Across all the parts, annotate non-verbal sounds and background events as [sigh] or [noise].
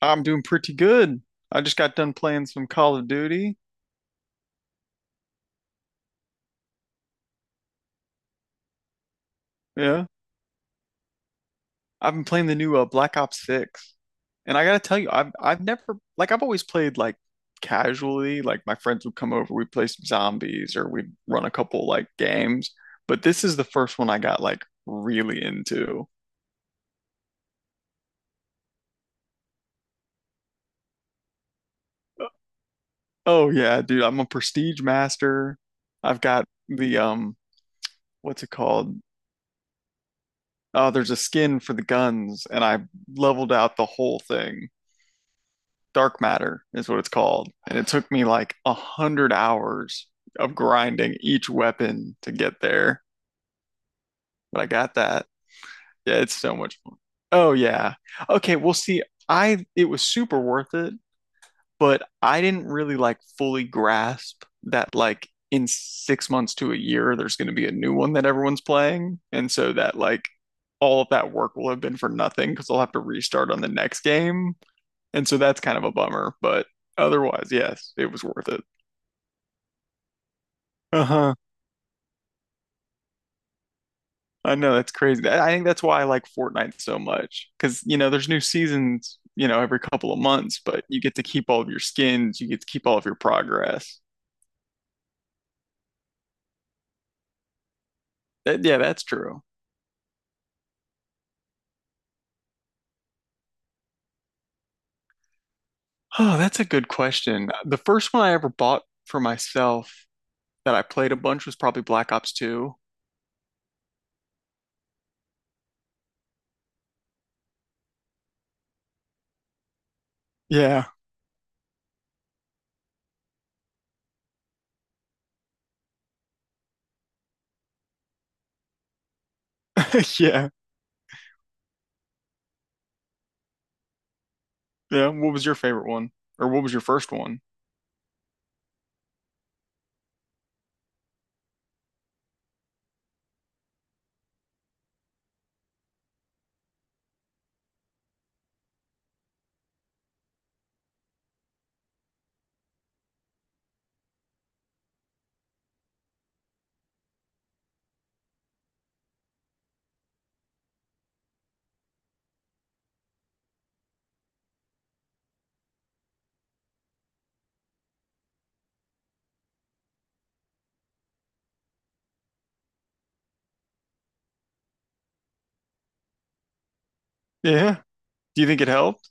I'm doing pretty good. I just got done playing some Call of Duty. Yeah. I've been playing the new Black Ops 6. And I gotta tell you, I've never like I've always played like casually, like my friends would come over, we'd play some zombies or we'd run a couple like games. But this is the first one I got like really into. Oh yeah, dude, I'm a prestige master. I've got the what's it called? Oh, there's a skin for the guns and I leveled out the whole thing. Dark matter is what it's called. And it took me like 100 hours of grinding each weapon to get there. But I got that. Yeah, it's so much fun. Oh yeah. Okay, well see, I it was super worth it, but I didn't really like fully grasp that like in 6 months to a year there's gonna be a new one that everyone's playing. And so that like all of that work will have been for nothing because I'll have to restart on the next game. And so that's kind of a bummer, but otherwise, yes, it was worth it. Uh-huh. I know that's crazy. That- I think that's why I like Fortnite so much because you know there's new seasons, every couple of months, but you get to keep all of your skins, you get to keep all of your progress. That, yeah, that's true. Oh, that's a good question. The first one I ever bought for myself that I played a bunch was probably Black Ops 2. Yeah. [laughs] Yeah. Yeah. What was your favorite one? Or what was your first one? Yeah. Do you think it helped?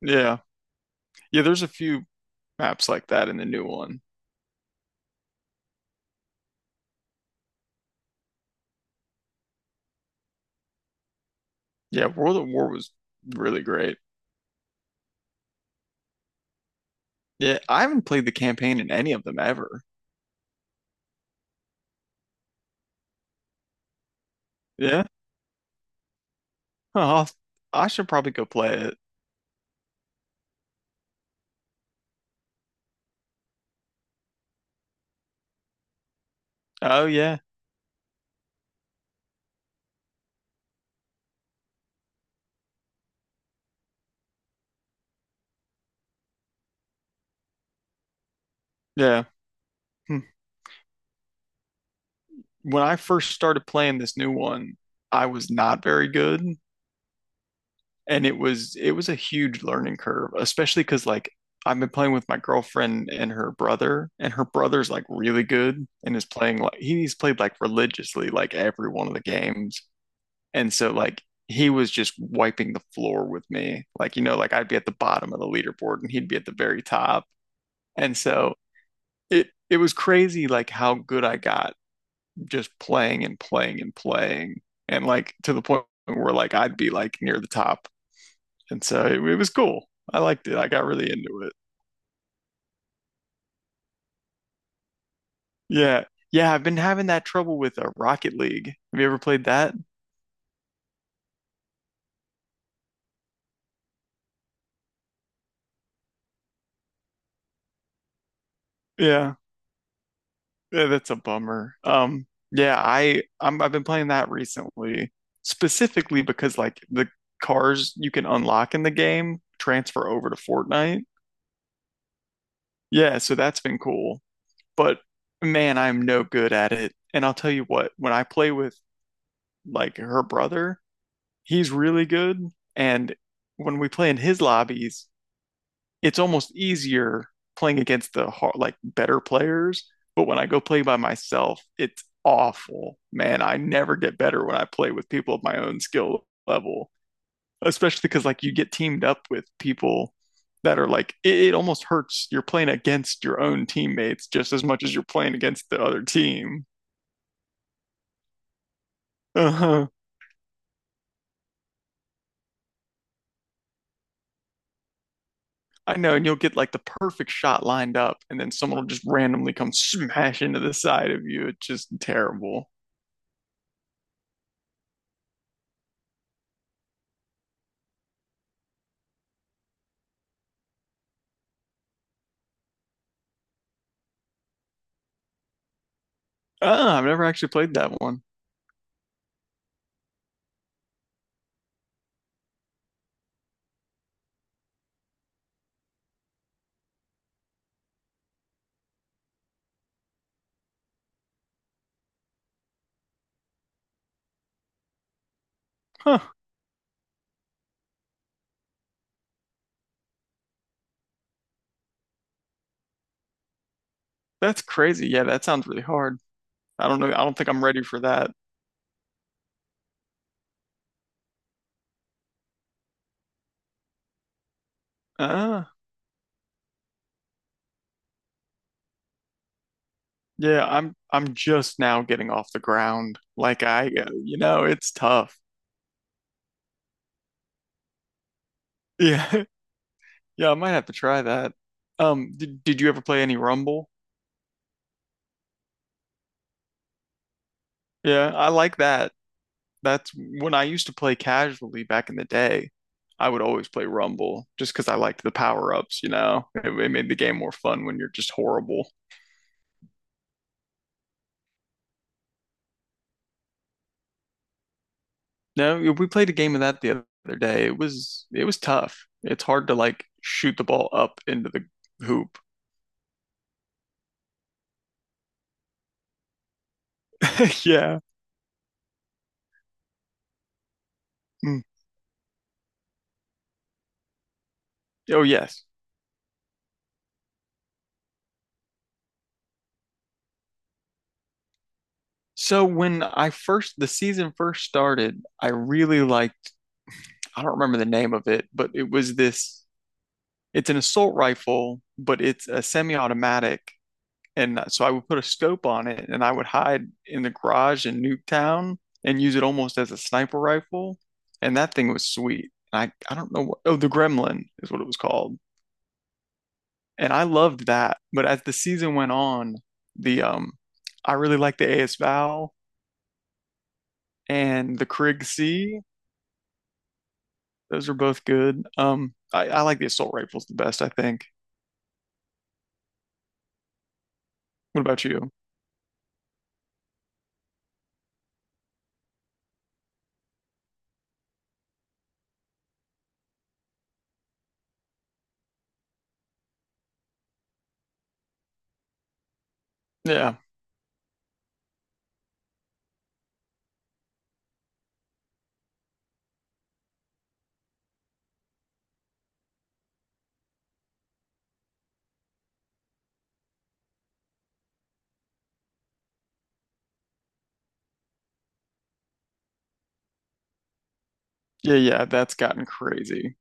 Yeah. Yeah, there's a few maps like that in the new one. Yeah, World at War was really great. Yeah, I haven't played the campaign in any of them ever. Yeah, oh, I should probably go play it. Oh yeah, yeah. Hmm. When I first started playing this new one, I was not very good, and it was a huge learning curve, especially because like I've been playing with my girlfriend and her brother, and her brother's like really good and is playing like he's played like religiously like every one of the games. And so like he was just wiping the floor with me. Like, like I'd be at the bottom of the leaderboard and he'd be at the very top. And so it was crazy like how good I got just playing and playing and playing. And like to the point where like I'd be like near the top. And so it was cool. I liked it. I got really into it. Yeah. Yeah, I've been having that trouble with Rocket League. Have you ever played that? Yeah. Yeah, that's a bummer. Yeah, I've been playing that recently, specifically because like the cars you can unlock in the game transfer over to Fortnite. Yeah, so that's been cool. But man, I'm no good at it. And I'll tell you what, when I play with like her brother, he's really good. And when we play in his lobbies, it's almost easier playing against the hard, like better players. But when I go play by myself, it's awful. Man, I never get better when I play with people of my own skill level, especially because like you get teamed up with people that are like it almost hurts. You're playing against your own teammates just as much as you're playing against the other team. Uh-huh. I know, and you'll get like the perfect shot lined up, and then someone will just randomly come smash into the side of you. It's just terrible. Ah, I've never actually played that one. Huh, that's crazy. Yeah, that sounds really hard. I don't know. I don't think I'm ready for that. Uh, yeah, I'm just now getting off the ground. Like I, it's tough. Yeah. [laughs] Yeah, I might have to try that. Did you ever play any Rumble? Yeah, I like that. That's when I used to play casually back in the day. I would always play Rumble just because I liked the power-ups. It made the game more fun when you're just horrible. No, we played a game of that the other day. It was tough. It's hard to like shoot the ball up into the hoop. [laughs] Yeah. Mm. Oh yes. So when I first the season first started, I really liked I don't remember the name of it, but it was this it's an assault rifle, but it's a semi-automatic. And so I would put a scope on it and I would hide in the garage in Nuketown and use it almost as a sniper rifle. And that thing was sweet. And I don't know what, oh, the Gremlin is what it was called. And I loved that. But as the season went on, the I really liked the AS Val and the Krig C. Those are both good. I like the assault rifles the best, I think. What about you? Yeah. Yeah, yeah, that's gotten crazy.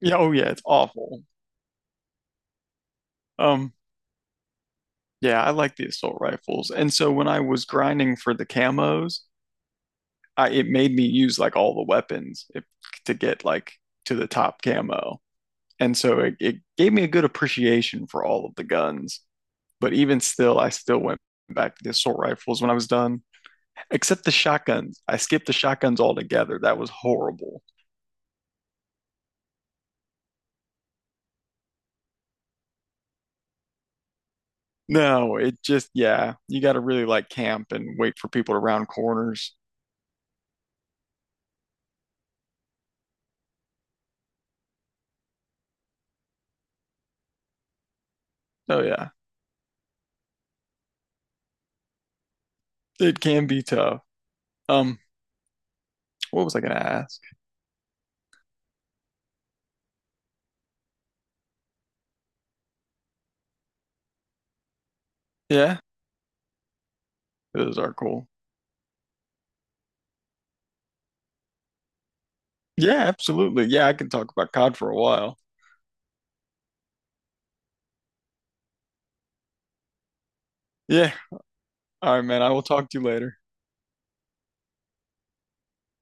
Yeah, oh yeah, it's awful. Um Yeah, I like the assault rifles. And so when I was grinding for the camos, I it made me use like all the weapons if, to get like to the top camo. And so it gave me a good appreciation for all of the guns. But even still, I still went back to the assault rifles when I was done, except the shotguns. I skipped the shotguns altogether. That was horrible. No, it just, yeah, you got to really like camp and wait for people to round corners. Oh, yeah, it can be tough. Um, what was I gonna ask? Yeah. Those are cool. Yeah, absolutely. Yeah, I can talk about COD for a while. Yeah. All right, man. I will talk to you later.